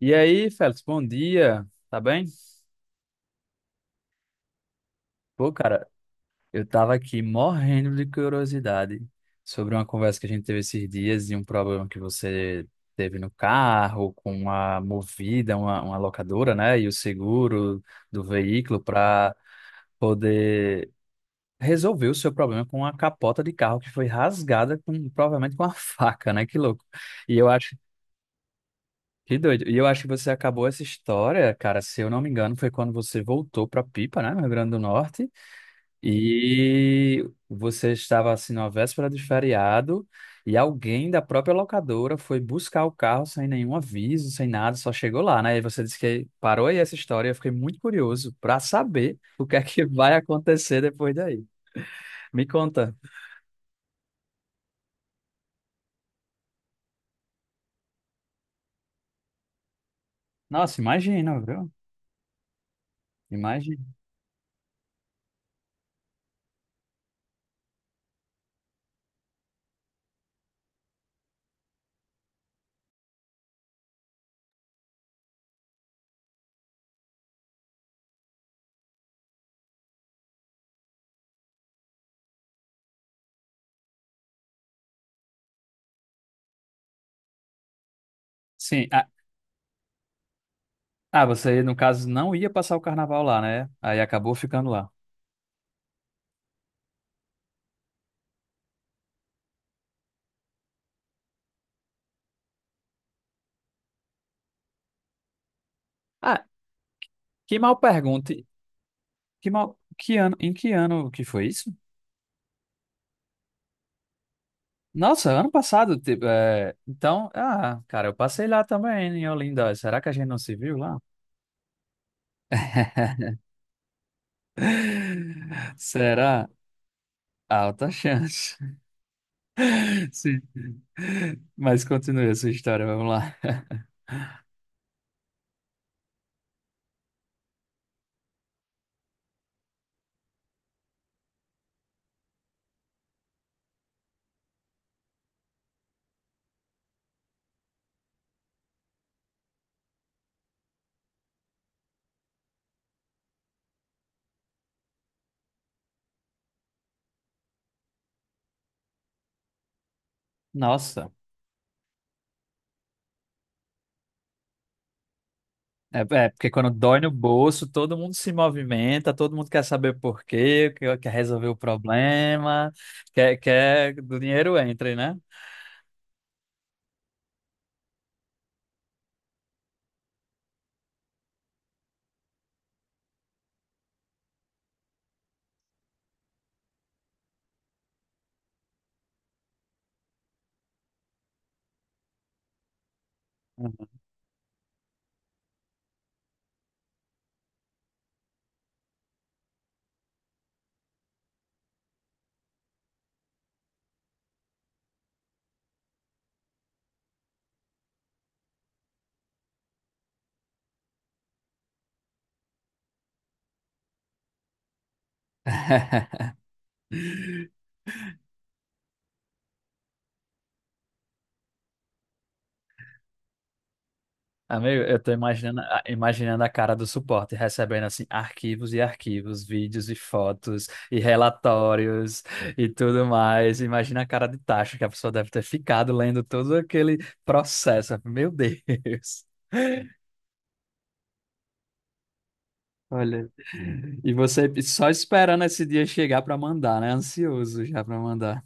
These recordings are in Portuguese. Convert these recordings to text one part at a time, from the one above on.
E aí, Félix, bom dia. Tá bem? Pô, cara, eu tava aqui morrendo de curiosidade sobre uma conversa que a gente teve esses dias e um problema que você teve no carro com uma Movida, uma locadora, né? E o seguro do veículo para poder resolver o seu problema com a capota de carro que foi rasgada com, provavelmente com uma faca, né? Que louco. E eu acho Que doido. E eu acho que você acabou essa história, cara, se eu não me engano, foi quando você voltou para Pipa, né, no Rio Grande do Norte, e você estava assim na véspera de feriado e alguém da própria locadora foi buscar o carro sem nenhum aviso, sem nada, só chegou lá, né? E você disse que parou aí essa história, eu fiquei muito curioso para saber o que é que vai acontecer depois daí. Me conta. Nossa, imagina, viu? Imagina. Sim, ah, você no caso não ia passar o carnaval lá, né? Aí acabou ficando lá. Ah, que mal pergunte. Que mal, que ano, em que ano que foi isso? Nossa, ano passado, tipo, é, então, ah, cara, eu passei lá também em Olinda. Será que a gente não se viu lá? Será? Alta chance. Sim. Mas continue a sua história, vamos lá. Nossa, é, é, porque quando dói no bolso, todo mundo se movimenta, todo mundo quer saber por quê, quer resolver o problema, quer do dinheiro entre, né? Amigo, eu tô imaginando, imaginando a cara do suporte, recebendo assim arquivos e arquivos, vídeos e fotos e relatórios e tudo mais. Imagina a cara de tacho que a pessoa deve ter ficado lendo todo aquele processo. Meu Deus. Olha, e você só esperando esse dia chegar para mandar, né? Ansioso já para mandar.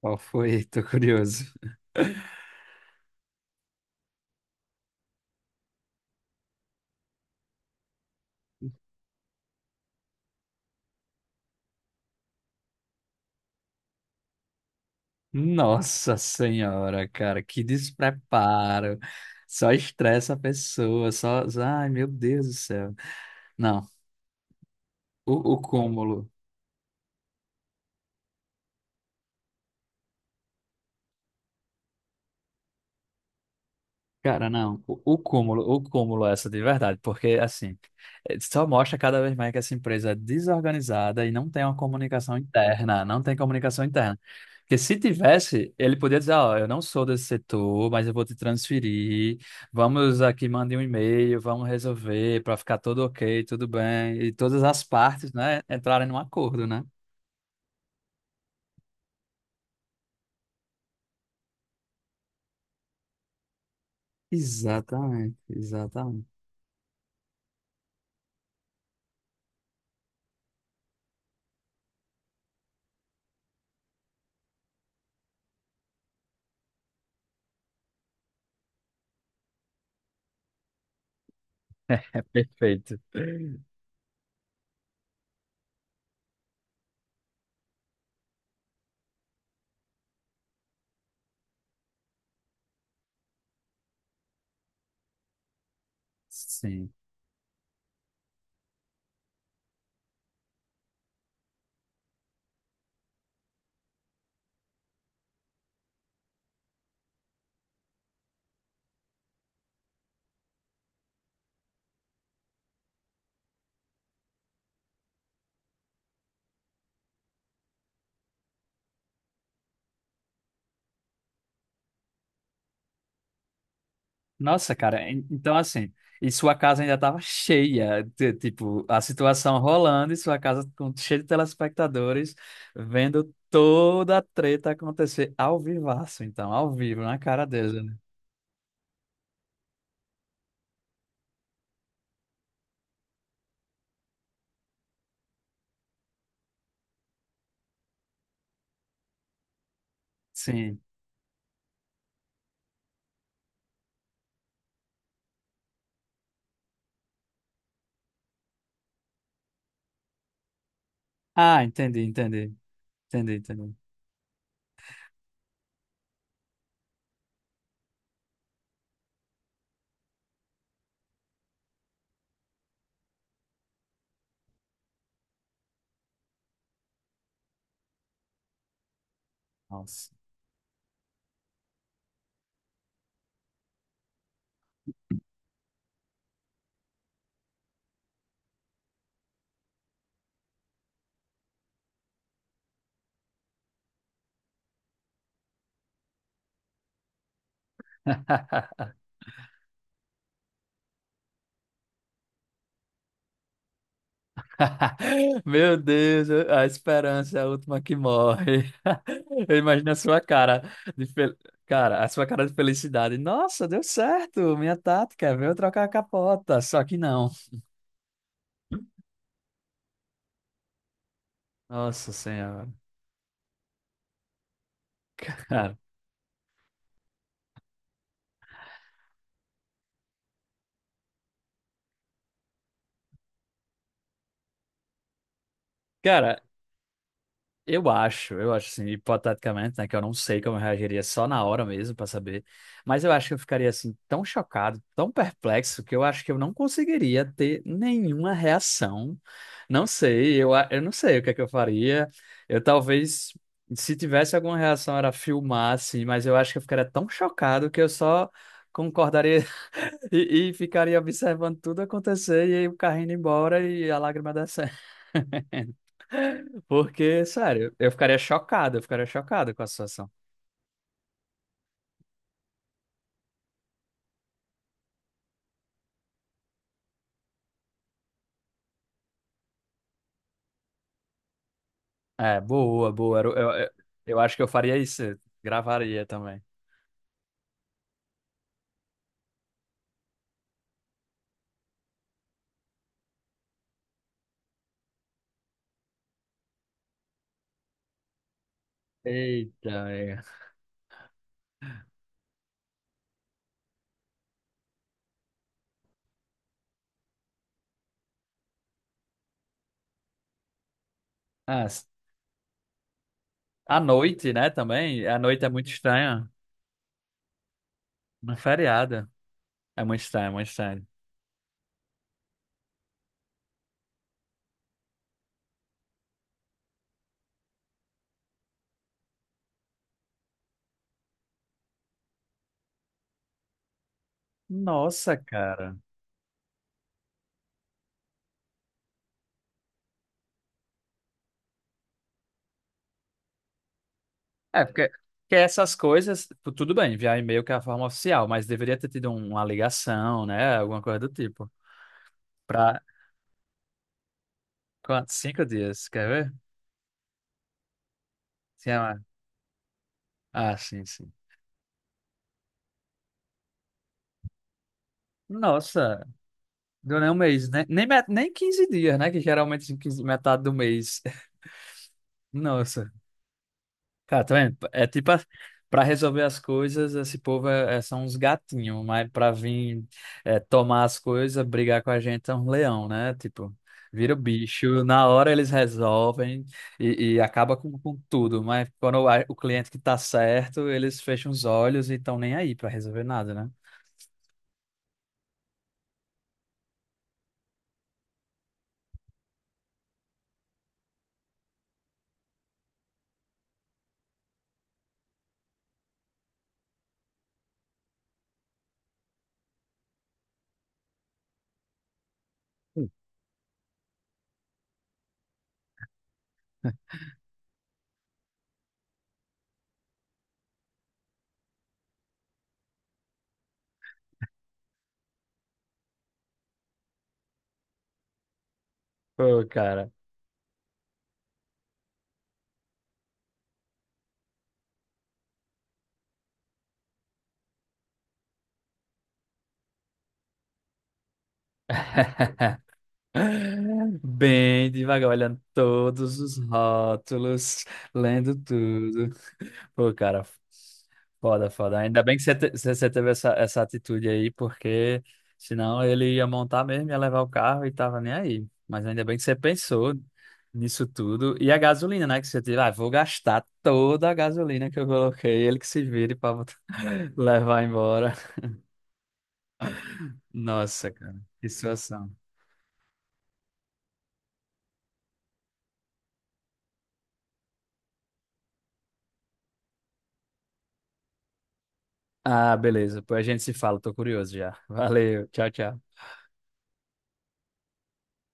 Qual foi? Tô curioso. Nossa senhora, cara, que despreparo. Só estressa a pessoa, só, ai, meu Deus do céu. Não, o cúmulo. Cara, não, o cúmulo é essa de verdade, porque assim, só mostra cada vez mais que essa empresa é desorganizada e não tem uma comunicação interna, não tem comunicação interna. Porque se tivesse, ele podia dizer, ó, eu não sou desse setor, mas eu vou te transferir, vamos aqui, mande um e-mail, vamos resolver para ficar tudo ok, tudo bem, e todas as partes, né, entrarem num acordo, né? Exatamente, exatamente. É perfeito. Sim. Nossa, cara, então assim, e sua casa ainda estava cheia, tipo, a situação rolando e sua casa com, cheia de telespectadores, vendo toda a treta acontecer ao vivaço, então, ao vivo, na cara deles, né? Sim. Ah, entendi. Nossa. Meu Deus, a esperança é a última que morre. Eu imagino a sua cara de cara, a sua cara de felicidade. Nossa, deu certo, minha tática, veio trocar a capota, só que não. Nossa Senhora. Cara, cara, eu acho assim, hipoteticamente, né, que eu não sei como eu reagiria só na hora mesmo pra saber, mas eu acho que eu ficaria assim tão chocado, tão perplexo que eu acho que eu não conseguiria ter nenhuma reação. Não sei, eu não sei o que é que eu faria. Eu talvez, se tivesse alguma reação, era filmar assim, mas eu acho que eu ficaria tão chocado que eu só concordaria e ficaria observando tudo acontecer e aí o carrinho indo embora e a lágrima descendo. Porque, sério, eu ficaria chocado com a situação. É, boa, boa. Eu acho que eu faria isso, gravaria também. Eita, amiga. Ah, à noite, né, também? A noite é muito estranha. Uma feriado. É muito estranho, é muito estranho. Nossa, cara. É, porque essas coisas, tudo bem, via e-mail que é a forma oficial, mas deveria ter tido uma ligação, né? Alguma coisa do tipo. Pra quantos? Cinco dias, quer ver? Sim. Ah, sim. Nossa. Deu nem um mês, né? Nem, nem 15 dias, né? Que geralmente assim, 15 metade do mês. Nossa. Cara, tá vendo? É tipo, pra resolver as coisas, esse povo é, são uns gatinhos, mas pra vir é, tomar as coisas, brigar com a gente é um leão, né? Tipo, vira o bicho, na hora eles resolvem e acaba com tudo, mas quando o cliente que tá certo, eles fecham os olhos e estão nem aí pra resolver nada, né? Pô, cara. Bem devagar, olhando todos os rótulos, lendo tudo. Pô, cara, foda, foda. Ainda bem que você teve essa, essa atitude aí, porque senão ele ia montar mesmo, ia levar o carro e tava nem aí. Mas ainda bem que você pensou nisso tudo. E a gasolina, né? Que você teve, ah, vou gastar toda a gasolina que eu coloquei, ele que se vire pra levar embora. Nossa, cara, que situação. Ah, beleza. Depois a gente se fala. Tô curioso já. Valeu. Tchau, tchau.